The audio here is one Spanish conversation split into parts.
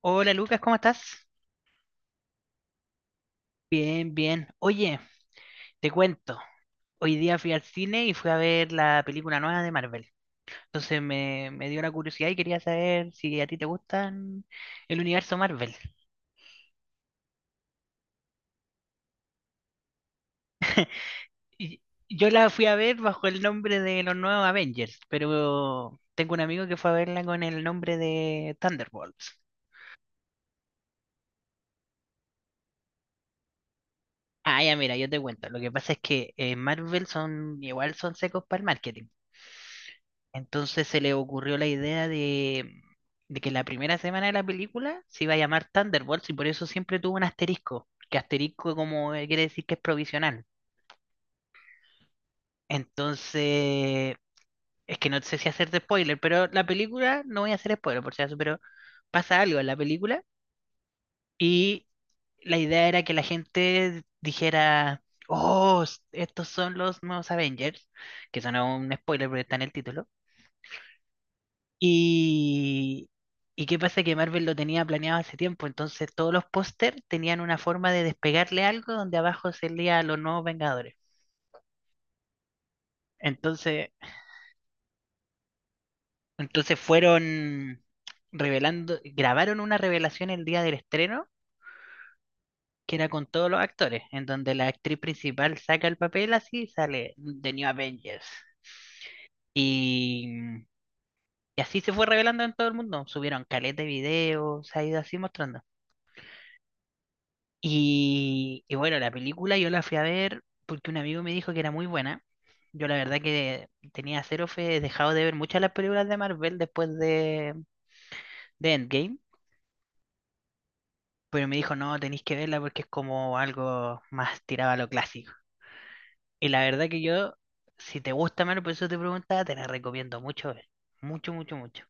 Hola Lucas, ¿cómo estás? Bien, bien. Oye, te cuento. Hoy día fui al cine y fui a ver la película nueva de Marvel. Entonces me dio la curiosidad y quería saber si a ti te gustan el universo Marvel. Y yo la fui a ver bajo el nombre de los nuevos Avengers, pero tengo un amigo que fue a verla con el nombre de Thunderbolts. Ah, ya, mira, yo te cuento. Lo que pasa es que en Marvel son igual son secos para el marketing. Entonces se le ocurrió la idea de que la primera semana de la película se iba a llamar Thunderbolts y por eso siempre tuvo un asterisco, que asterisco como quiere decir que es provisional. Entonces, es que no sé si hacerte spoiler, pero la película, no voy a hacer spoiler por si acaso, pero pasa algo en la película y la idea era que la gente dijera, oh, estos son los nuevos Avengers, que eso no es un spoiler porque está en el título. Y, y qué pasa que Marvel lo tenía planeado hace tiempo, entonces todos los póster tenían una forma de despegarle algo donde abajo se leía los nuevos Vengadores. Entonces, entonces fueron revelando, grabaron una revelación el día del estreno, que era con todos los actores, en donde la actriz principal saca el papel así y sale The New Avengers. Y, y así se fue revelando en todo el mundo. Subieron caleta de videos, se ha ido así mostrando. Y bueno, la película yo la fui a ver porque un amigo me dijo que era muy buena. Yo la verdad que tenía cero fe, he dejado de ver muchas de las películas de Marvel después de Endgame, pero me dijo, no, tenéis que verla porque es como algo más tirado a lo clásico. Y la verdad que yo, si te gusta Marvel, por eso te preguntaba, te la recomiendo mucho ver. Mucho, mucho, mucho.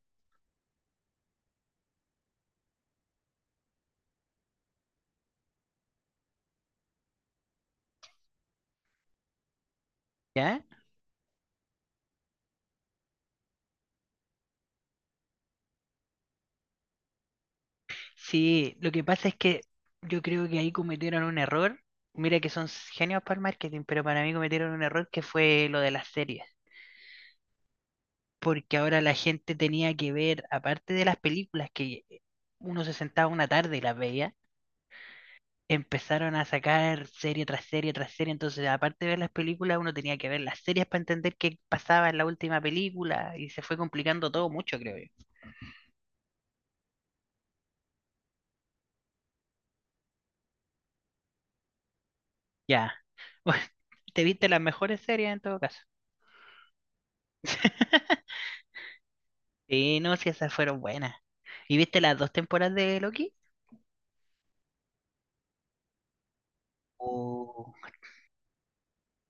¿Ya? Sí, lo que pasa es que yo creo que ahí cometieron un error. Mira que son genios para el marketing, pero para mí cometieron un error que fue lo de las series. Porque ahora la gente tenía que ver, aparte de las películas que uno se sentaba una tarde y las veía, empezaron a sacar serie tras serie tras serie. Entonces, aparte de ver las películas, uno tenía que ver las series para entender qué pasaba en la última película y se fue complicando todo mucho, creo yo. Ya, bueno, te viste las mejores series en todo caso. Sí, no, si esas fueron buenas. ¿Y viste las dos temporadas de Loki? Uh,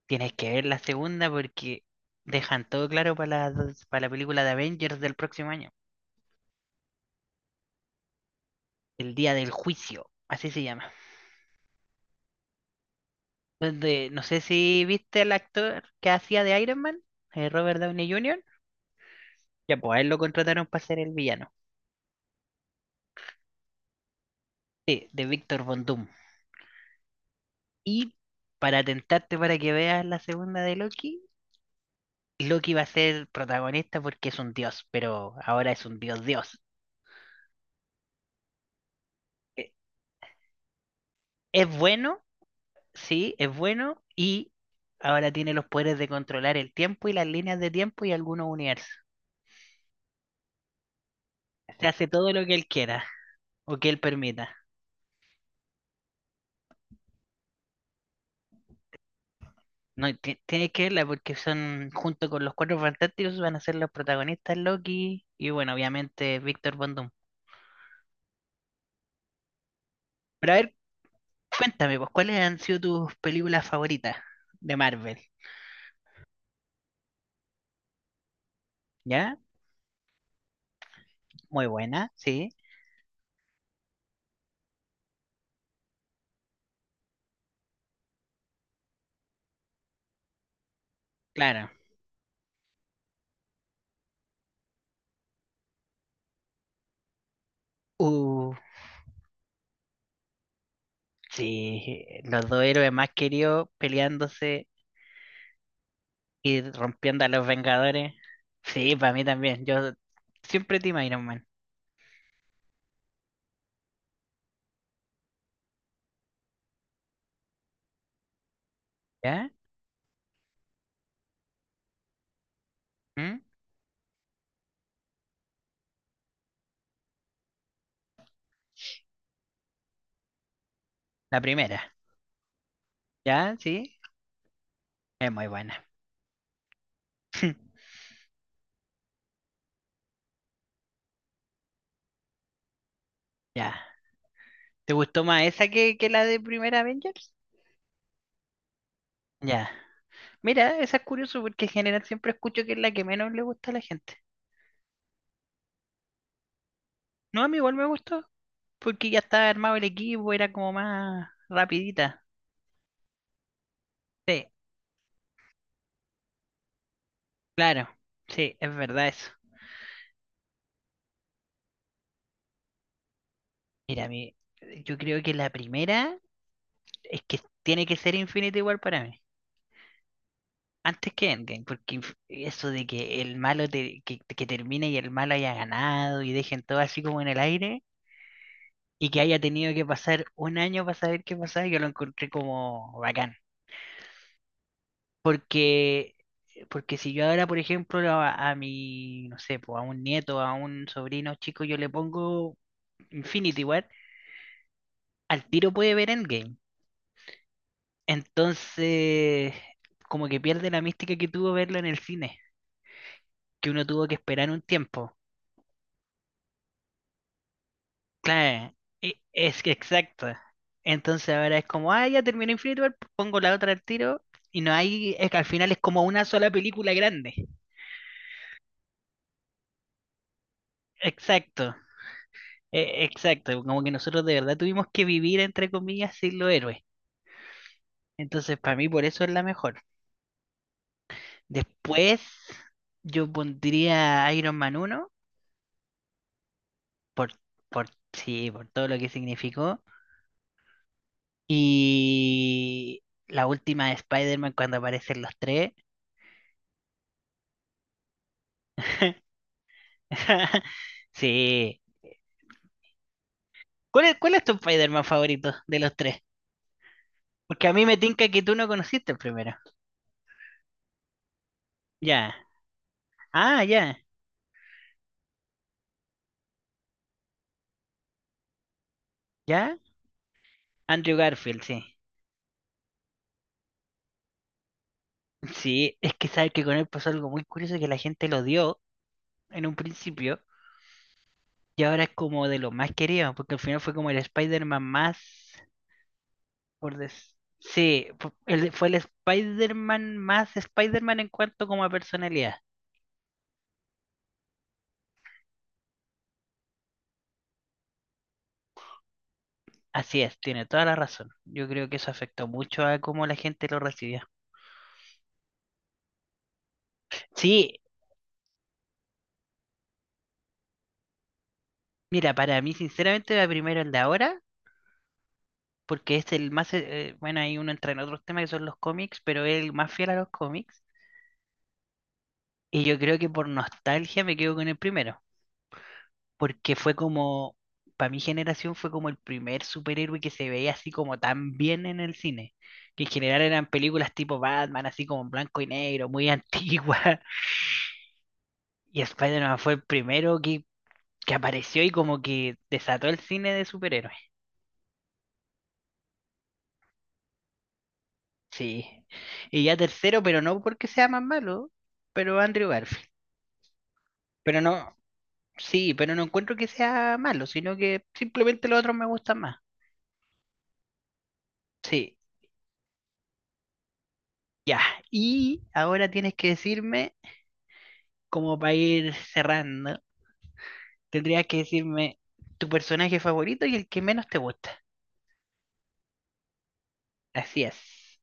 tienes que ver la segunda porque dejan todo claro para la película de Avengers del próximo año. El día del juicio, así se llama. Donde, no sé si viste al actor que hacía de Iron Man, Robert Downey Jr. Ya, pues a él lo contrataron para ser el villano. Sí, de Víctor Von Doom. Y para tentarte para que veas la segunda de Loki, Loki va a ser protagonista porque es un dios, pero ahora es un dios dios. e- Es bueno, sí, es bueno y ahora tiene los poderes de controlar el tiempo y las líneas de tiempo y algunos universos. Se hace todo lo que él quiera o que él permita. No, y tienes que verla porque son, junto con los Cuatro Fantásticos, van a ser los protagonistas Loki y bueno, obviamente Víctor Von Doom. Pero a ver, cuéntame, pues, ¿cuáles han sido tus películas favoritas de Marvel? ¿Ya? Muy buena, sí, claro. Uh, sí, los dos héroes más queridos peleándose y rompiendo a los Vengadores. Sí, para mí también. Yo siempre Team Iron Man. ¿Ya? ¿Mm? La primera. ¿Ya? Sí. Es muy buena. Ya. ¿Te gustó más esa que la de primera Avengers? Ya. Mira, esa es curioso porque en general siempre escucho que es la que menos le gusta a la gente. No, a mí igual me gustó porque ya estaba armado el equipo, era como más rapidita. Sí, claro. Sí, es verdad eso. Mira, a mí, yo creo que la primera es que tiene que ser Infinity igual para mí. Antes que Endgame, porque eso de que el malo que termine y el malo haya ganado y dejen todo así como en el aire y que haya tenido que pasar un año para saber qué pasaba, yo lo encontré como bacán. Porque, porque si yo ahora, por ejemplo, a mi, no sé, pues a un nieto, a un sobrino chico, yo le pongo Infinity War, al tiro puede ver Endgame. Entonces, como que pierde la mística que tuvo verlo en el cine, que uno tuvo que esperar un tiempo. Claro, es que exacto. Entonces ahora es como, ah, ya terminó Infinity War, pongo la otra al tiro y no hay, es que al final es como una sola película grande. Exacto, exacto. Como que nosotros de verdad tuvimos que vivir, entre comillas, sin los héroes. Entonces para mí por eso es la mejor. Después yo pondría Iron Man uno por, por, sí, por todo lo que significó. Y la última de Spider-Man cuando aparecen los tres. Sí. ¿Cuál es tu Spider-Man favorito de los tres? Porque a mí me tinca que tú no conociste el primero. Ya. Ah, ya. ¿Ya? Andrew Garfield, sí. Sí, es que sabes que con él pasó algo muy curioso que la gente lo odió en un principio y ahora es como de lo más querido, porque al final fue como el Spider-Man más, sí, fue el Spider-Man más Spider-Man en cuanto como a personalidad. Así es, tiene toda la razón. Yo creo que eso afectó mucho a cómo la gente lo recibió. Sí, mira, para mí sinceramente la primero es de ahora, porque es el más, bueno, ahí uno entra en otros temas que son los cómics, pero es el más fiel a los cómics. Y yo creo que por nostalgia me quedo con el primero, porque fue como, para mi generación fue como el primer superhéroe que se veía así como tan bien en el cine, que en general eran películas tipo Batman, así como en blanco y negro, muy antigua. Y Spider-Man fue el primero que apareció y como que desató el cine de superhéroes. Sí. Y ya tercero, pero no porque sea más malo, pero Andrew Garfield. Pero no, sí, pero no encuentro que sea malo, sino que simplemente los otros me gustan más. Sí, ya. Y ahora tienes que decirme, como para ir cerrando, tendrías que decirme tu personaje favorito y el que menos te gusta. Así es.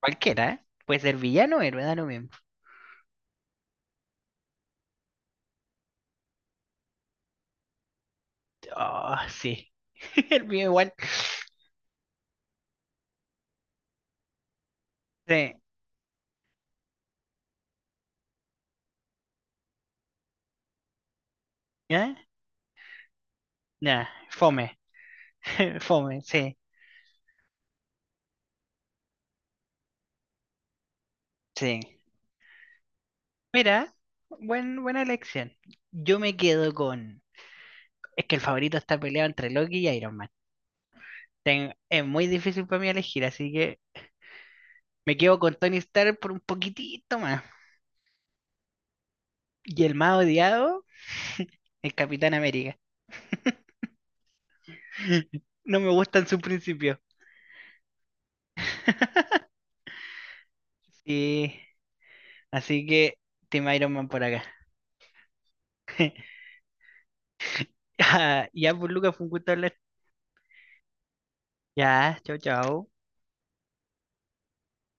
Cualquiera, ¿eh? Puede ser villano o héroe, da lo mismo. Oh, sí. El mío igual. Sí. ¿Eh? Ya, fome. Fome, sí. Sí. Mira, buena elección. Yo me quedo con. Es que el favorito está peleado entre Loki y Iron Man. Es muy difícil para mí elegir, así que me quedo con Tony Stark por un poquitito más. Y el más odiado, el Capitán América. No me gusta en su principio. Sí, así que Team Iron Man por acá. Ya, ya, pues Lucas, fue un gusto hablar. Ya, chao, chao.